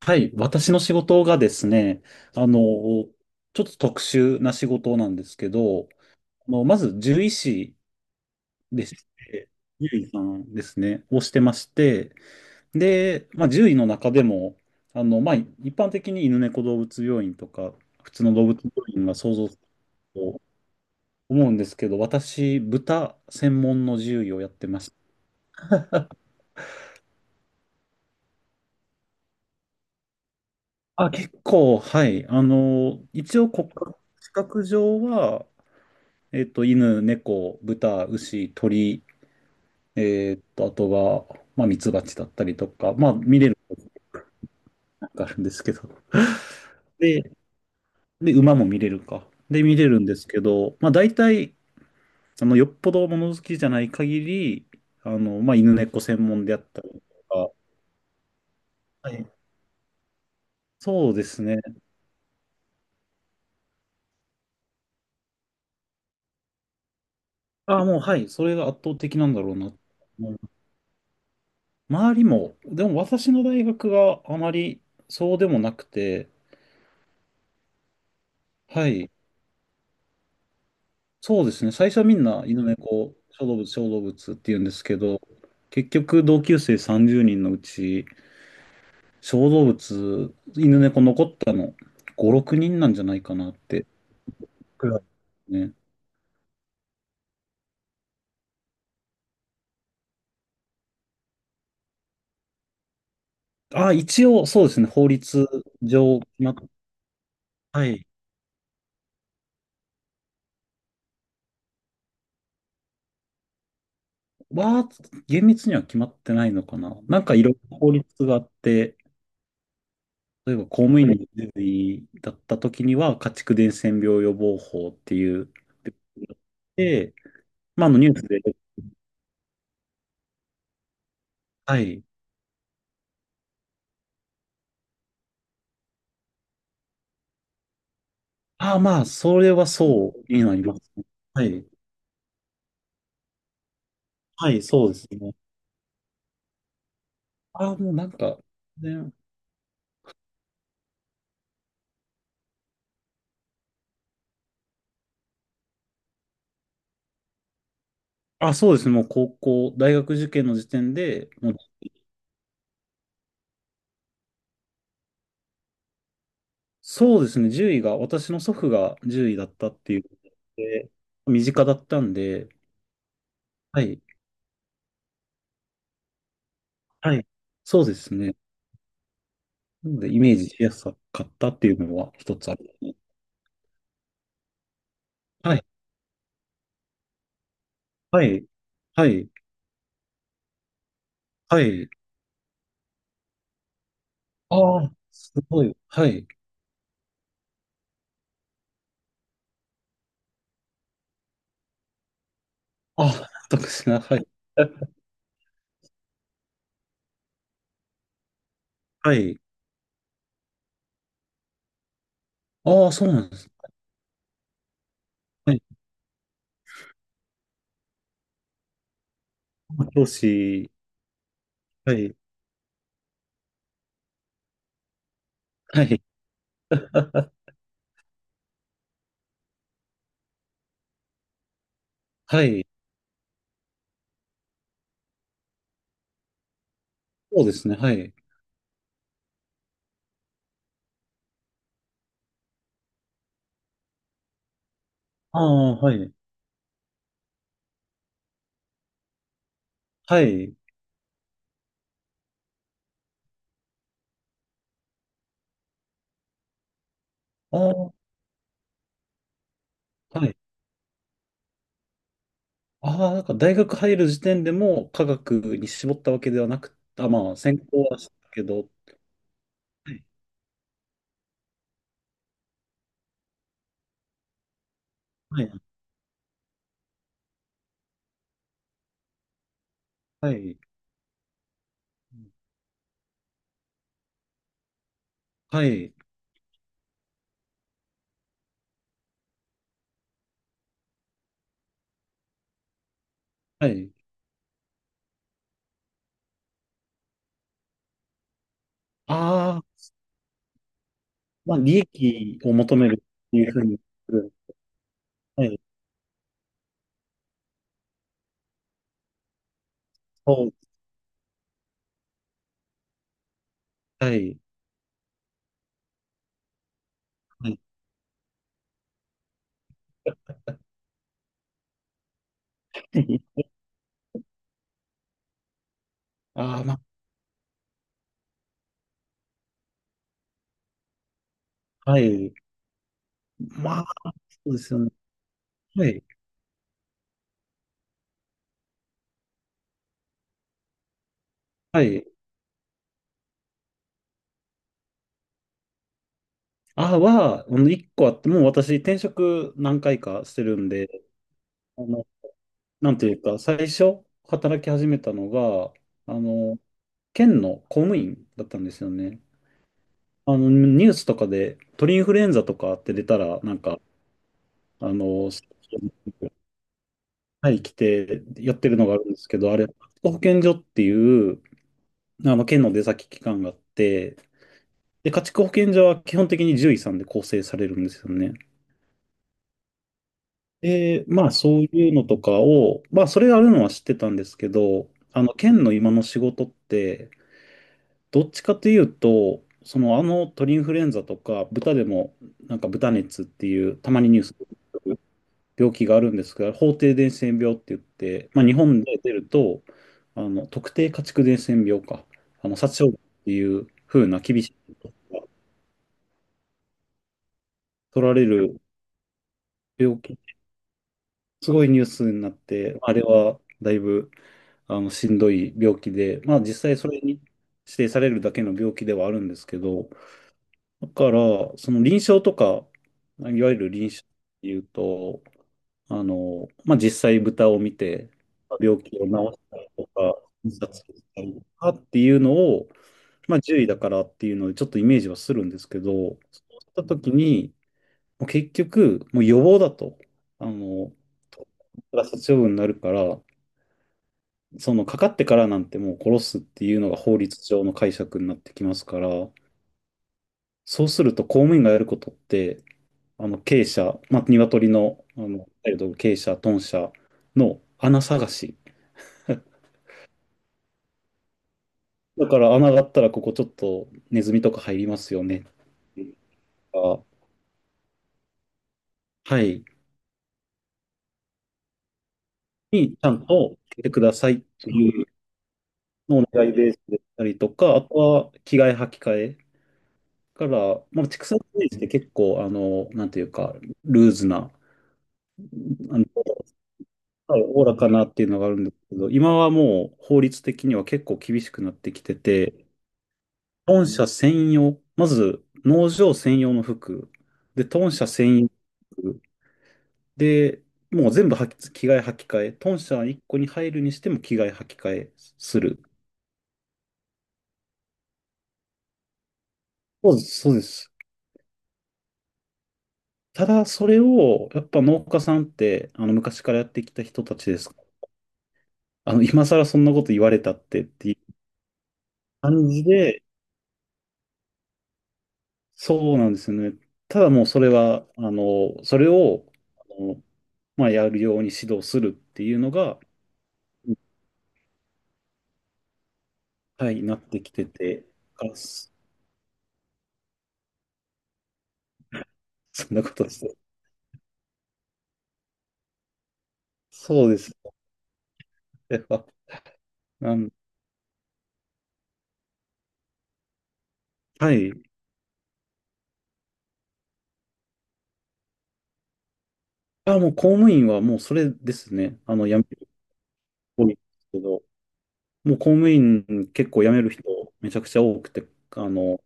はい、私の仕事がですね、ちょっと特殊な仕事なんですけど、まず獣医師でして、獣医さんですね、をしてまして、で、まあ、獣医の中でも、まあ、一般的に犬猫動物病院とか、普通の動物病院が想像すると思うんですけど、私、豚専門の獣医をやってました。あ、結構、はい。一応国家資格上は、犬、猫、豚、牛、鳥、あとは、まあ、ミツバチだったりとか、まあ、見れるのがあるんですけど。で、で、馬も見れるか。で、見れるんですけど、まあ、大体、よっぽど物好きじゃない限り、まあ、犬猫専門であったりとか、はい。そうですね。あもう、はい、それが圧倒的なんだろうな。もう周りも、でも私の大学があまりそうでもなくて、はい。そうですね。最初はみんな犬猫、小動物、小動物って言うんですけど、結局同級生30人のうち、小動物、犬猫残ったの5、6人なんじゃないかなってくらいですね。あ、一応そうですね。法律上決まっ、はい。は、厳密には決まってないのかな。なんかいろいろ法律があって、例えば公務員の従事だった時には、家畜伝染病予防法っていう、で、まあ、あのニュースではい。ああ、まあ、それはそうになりますね。はい。はい、そうですね。ああ、もうなんか、ね、あ、そうですね。もう高校、大学受験の時点で、もう、そうですね。10位が、私の祖父が10位だったっていうことで、身近だったんで、はい。はい。そうですね。なので、イメージしやすかったっていうのは一つある。はい。はい。はい。はい。ああ、すごい。はい。ああ、特殊な。はい。はい。ああ、そうなんですね。はい。教師。はい。はい。はい。そうですね。はい。ああ、はい。はい。ああ、はい。ああ、なんか大学入る時点でも科学に絞ったわけではなく、あ、まあ、専攻はしたけど。はい。はい。はい。はい。ああー、まあ、利益を求めるっていうふうにする。はい。そう。はい。はい。ああ、まあ、はい。まあ、そうですよね。はい。はい。あは、一個あって、もう私、転職何回かしてるんで、あの、なんていうか、最初、働き始めたのが、あの、県の公務員だったんですよね。ニュースとかで、鳥インフルエンザとかって出たら、なんか、あの、はい、来てやってるのがあるんですけど、あれ、家畜保健所っていう、県の出先機関があって、で、家畜保健所は基本的に獣医さんで構成されるんですよね。で、まあそういうのとかを、まあそれがあるのは知ってたんですけど、県の今の仕事って、どっちかというと、その鳥インフルエンザとか豚でもなんか豚熱っていうたまにニュース病気があるんですが法定伝染病って言って、まあ、日本で出ると特定家畜伝染病か殺傷っていう風な厳しいことが取られる病気すごいニュースになって、あれはだいぶしんどい病気で、まあ実際それに指定されるだけの病気ではあるんですけど、だから、その臨床とか、いわゆる臨床っていうと、まあ実際豚を見て、病気を治したりとか、自殺したりとかっていうのを、まあ獣医だからっていうのでちょっとイメージはするんですけど、そうした時に、もう結局、もう予防だと、あの、殺処分になるから、そのかかってからなんてもう殺すっていうのが法律上の解釈になってきますから、そうすると公務員がやることって、鶏舎、まあ、鶏の、鶏舎、豚舎の穴探し。だから穴があったらここちょっとネズミとか入りますよねとか、はい、にちゃんと来てくださいっていうのをお願いベースでしたりとか、あとは着替え履き替えだから、まあ、畜産イメージって結構、なんていうか、ルーズな、あのはい、おおらかなっていうのがあるんですけど、今はもう法律的には結構厳しくなってきてて、豚舎専用、まず農場専用の服、で、豚舎専用服、で、もう全部はき着替え履き替え、豚舎1個に入るにしても着替え履き替えする。そうです、そうです。ただ、それを、やっぱ農家さんって、昔からやってきた人たちです。今更そんなこと言われたってっていう感じで、そうなんですよね。ただもうそれは、それを、あの、まあ、やるように指導するっていうのが、はい、なってきてて、あ、そんなことです。そうです。それはなん、はい。あ、もう公務員はもうそれですね。辞める人多いんですけど、もう公務員結構辞める人めちゃくちゃ多くて、あの、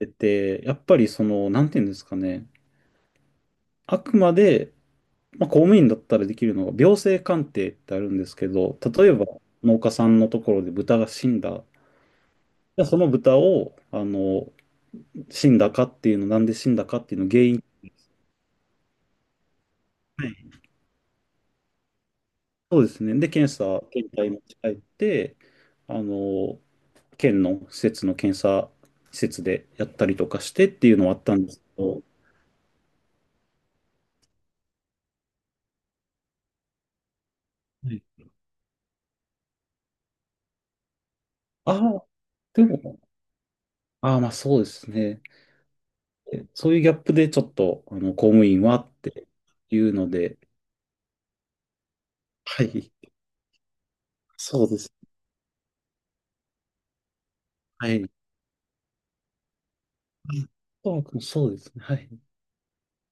出て、やっぱりなんていうんですかね。あくまで、まあ、公務員だったらできるのが病性鑑定ってあるんですけど、例えば農家さんのところで豚が死んだ。じゃあその豚を、死んだかっていうの、なんで死んだかっていうの原因。はいそうですね。で、検査、検体持ち帰って、あの、県の施設の検査施設でやったりとかしてっていうのはあったんですけど、はいああ、でも、ああ、まあそうですね。そういうギャップでちょっと、公務員はっていうので、はい。そうですはい。あそうですね。はい。